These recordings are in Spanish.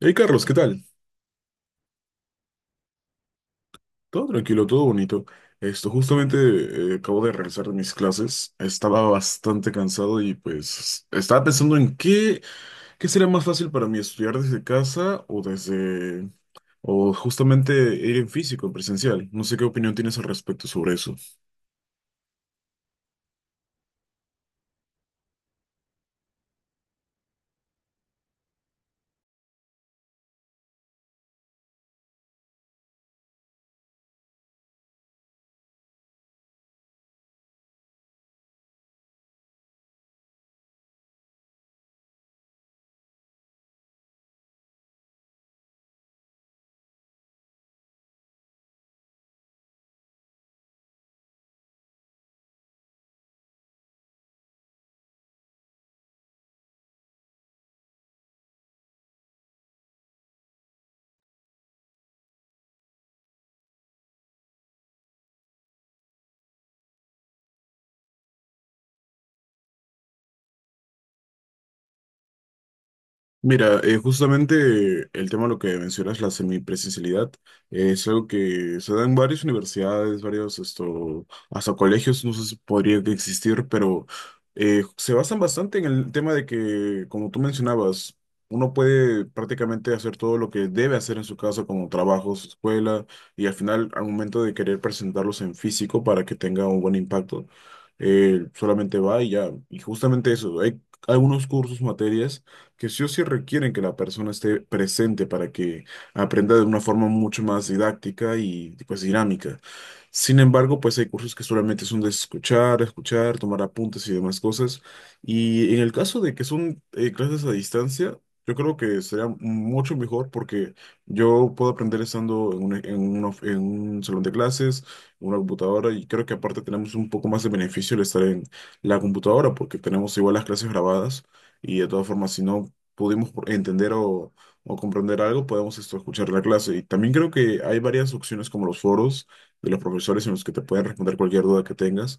Hey Carlos, ¿qué tal? Todo tranquilo, todo bonito. Esto, justamente acabo de regresar de mis clases. Estaba bastante cansado y pues estaba pensando en qué sería más fácil para mí estudiar desde casa o justamente ir en físico, en presencial. No sé qué opinión tienes al respecto sobre eso. Mira, justamente el tema de lo que mencionas, la semipresencialidad, es algo que se da en varias universidades, varios, esto, hasta colegios, no sé si podría que existir, pero se basan bastante en el tema de que, como tú mencionabas, uno puede prácticamente hacer todo lo que debe hacer en su casa, como trabajos, escuela, y al final, al momento de querer presentarlos en físico para que tenga un buen impacto, solamente va y ya. Y justamente eso, hay algunos cursos, materias que sí o sí requieren que la persona esté presente para que aprenda de una forma mucho más didáctica y pues dinámica. Sin embargo, pues hay cursos que solamente son de escuchar, escuchar, tomar apuntes y demás cosas. Y en el caso de que son clases a distancia, yo creo que sería mucho mejor porque yo puedo aprender estando en un en un salón de clases, en una computadora, y creo que aparte tenemos un poco más de beneficio el estar en la computadora porque tenemos igual las clases grabadas y de todas formas, si no pudimos entender o comprender algo, podemos esto, escuchar la clase. Y también creo que hay varias opciones como los foros de los profesores en los que te pueden responder cualquier duda que tengas.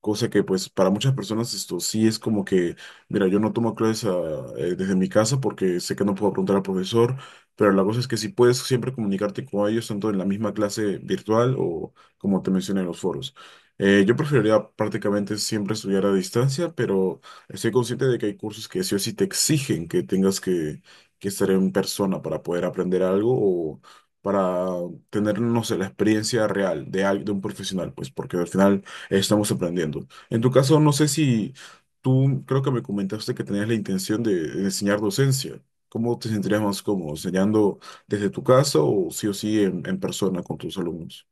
Cosa que pues para muchas personas esto sí es como que, mira, yo no tomo clases ah, desde mi casa porque sé que no puedo preguntar al profesor, pero la cosa es que sí puedes siempre comunicarte con ellos, tanto en la misma clase virtual o como te mencioné en los foros. Yo preferiría prácticamente siempre estudiar a distancia, pero estoy consciente de que hay cursos que sí o sí te exigen que estar en persona para poder aprender algo o para tener, no sé, la experiencia real de un profesional, pues porque al final estamos aprendiendo. En tu caso, no sé si tú, creo que me comentaste que tenías la intención de enseñar docencia. ¿Cómo te sentirías más cómodo, enseñando desde tu casa o sí en persona con tus alumnos?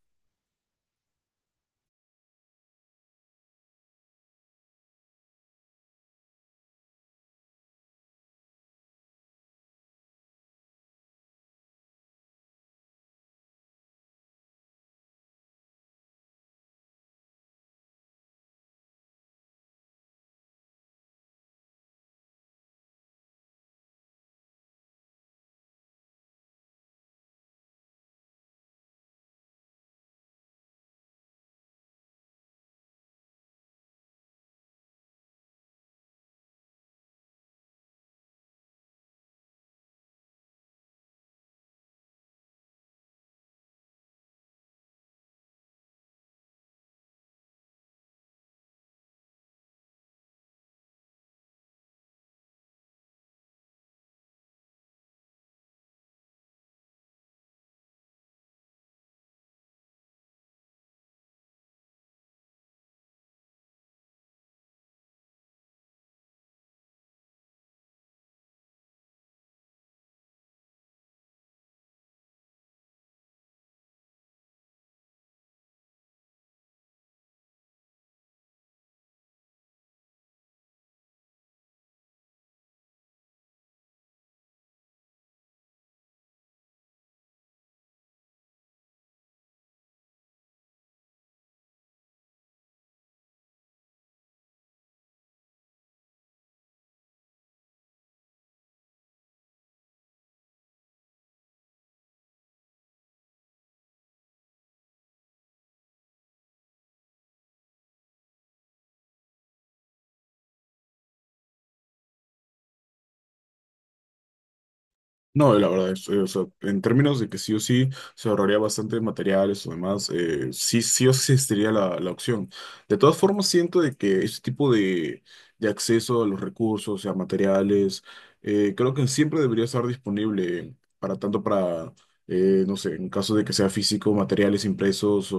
No, la verdad es, o sea, en términos de que sí o sí se ahorraría bastante materiales o demás, sí, sí o sí existiría la opción. De todas formas, siento de que este tipo de acceso a los recursos y a materiales, creo que siempre debería estar disponible para tanto no sé, en caso de que sea físico, materiales impresos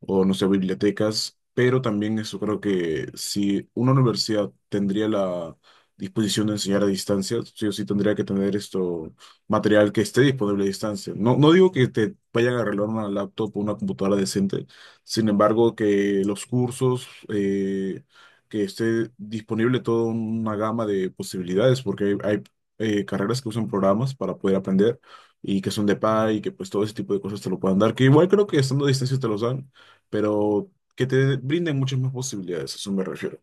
o no sé, bibliotecas, pero también eso creo que si una universidad tendría la disposición de enseñar a distancia, sí o sí tendría que tener esto, material que esté disponible a distancia. No, no digo que te vayan a arreglar una laptop o una computadora decente, sin embargo, que los cursos, que esté disponible toda una gama de posibilidades, porque hay, carreras que usan programas para poder aprender y que son de paga y que pues todo ese tipo de cosas te lo puedan dar, que igual creo que estando a distancia te los dan, pero que te brinden muchas más posibilidades, a eso me refiero.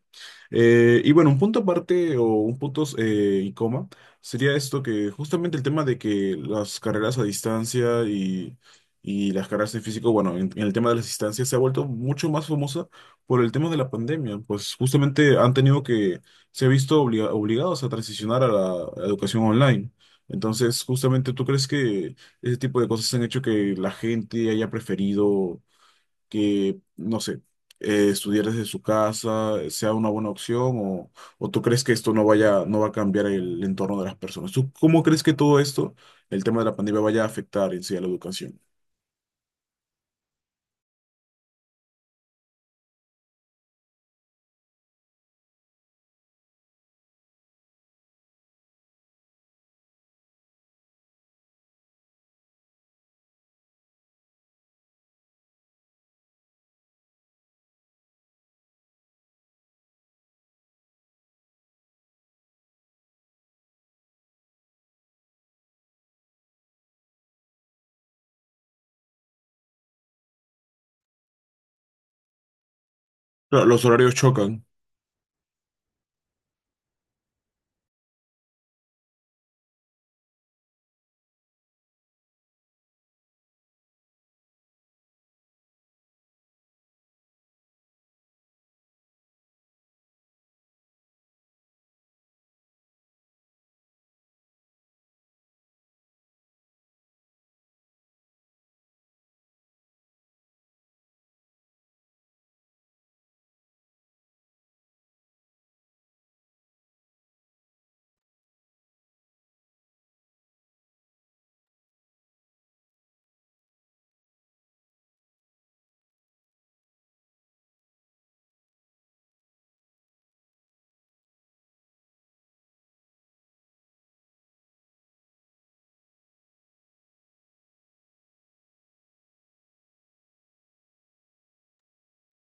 Y bueno, un punto aparte o un punto y coma sería esto que justamente el tema de que las carreras a distancia y las carreras en físico, bueno, en el tema de las distancias se ha vuelto mucho más famosa por el tema de la pandemia, pues justamente han tenido que, se ha visto obligados a transicionar a la educación online. Entonces, justamente, ¿tú crees que ese tipo de cosas han hecho que la gente haya preferido que, no sé, estudiar desde su casa sea una buena opción o tú crees que esto no va a cambiar el entorno de las personas? ¿Tú cómo crees que todo esto, el tema de la pandemia, vaya a afectar en sí a la educación? Claro, los horarios chocan.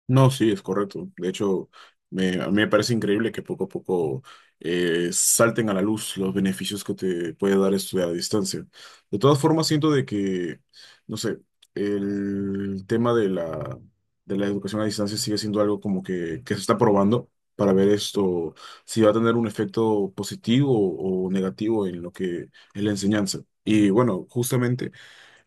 No, sí, es correcto. De hecho, a mí me parece increíble que poco a poco salten a la luz los beneficios que te puede dar estudiar a distancia. De todas formas, siento de que, no sé, el tema de de la educación a distancia sigue siendo algo como que se está probando para ver esto, si va a tener un efecto positivo o negativo en lo que es la enseñanza. Y bueno, justamente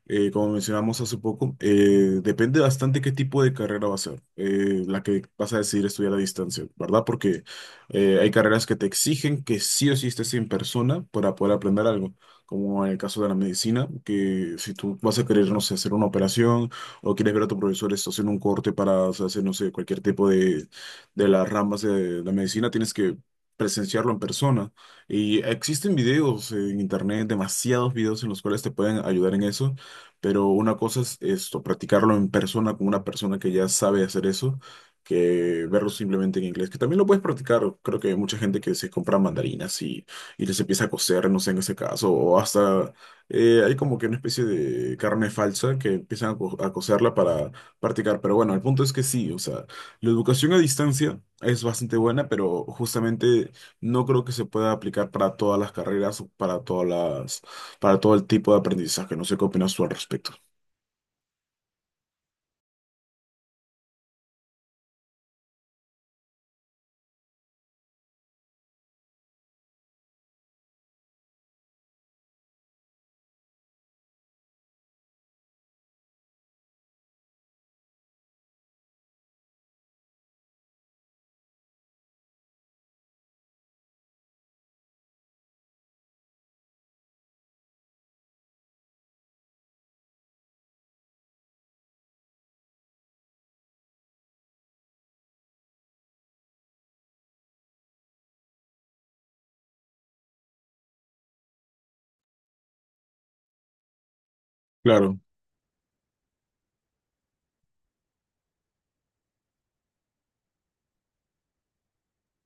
como mencionamos hace poco, depende bastante qué tipo de carrera va a ser, la que vas a decidir estudiar a distancia, ¿verdad? Porque hay carreras que te exigen que sí o sí estés en persona para poder aprender algo, como en el caso de la medicina, que si tú vas a querer, no sé, hacer una operación o quieres ver a tu profesor, estás haciendo un corte para o sea, hacer, no sé, cualquier tipo de las ramas de la medicina, tienes que presenciarlo en persona. Y existen videos en internet, demasiados videos en los cuales te pueden ayudar en eso. Pero una cosa es esto, practicarlo en persona con una persona que ya sabe hacer eso, que verlo simplemente en inglés, que también lo puedes practicar. Creo que hay mucha gente que se compra mandarinas y les empieza a coser, no sé, en ese caso, o hasta hay como que una especie de carne falsa que empiezan a coserla para practicar. Pero bueno, el punto es que sí, o sea, la educación a distancia es bastante buena, pero justamente no creo que se pueda aplicar para todas las carreras o para todas las para todo el tipo de aprendizaje. No sé qué opinas tú al respecto. Claro,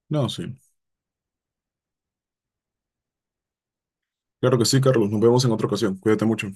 no, sí. Claro que sí, Carlos. Nos vemos en otra ocasión. Cuídate mucho.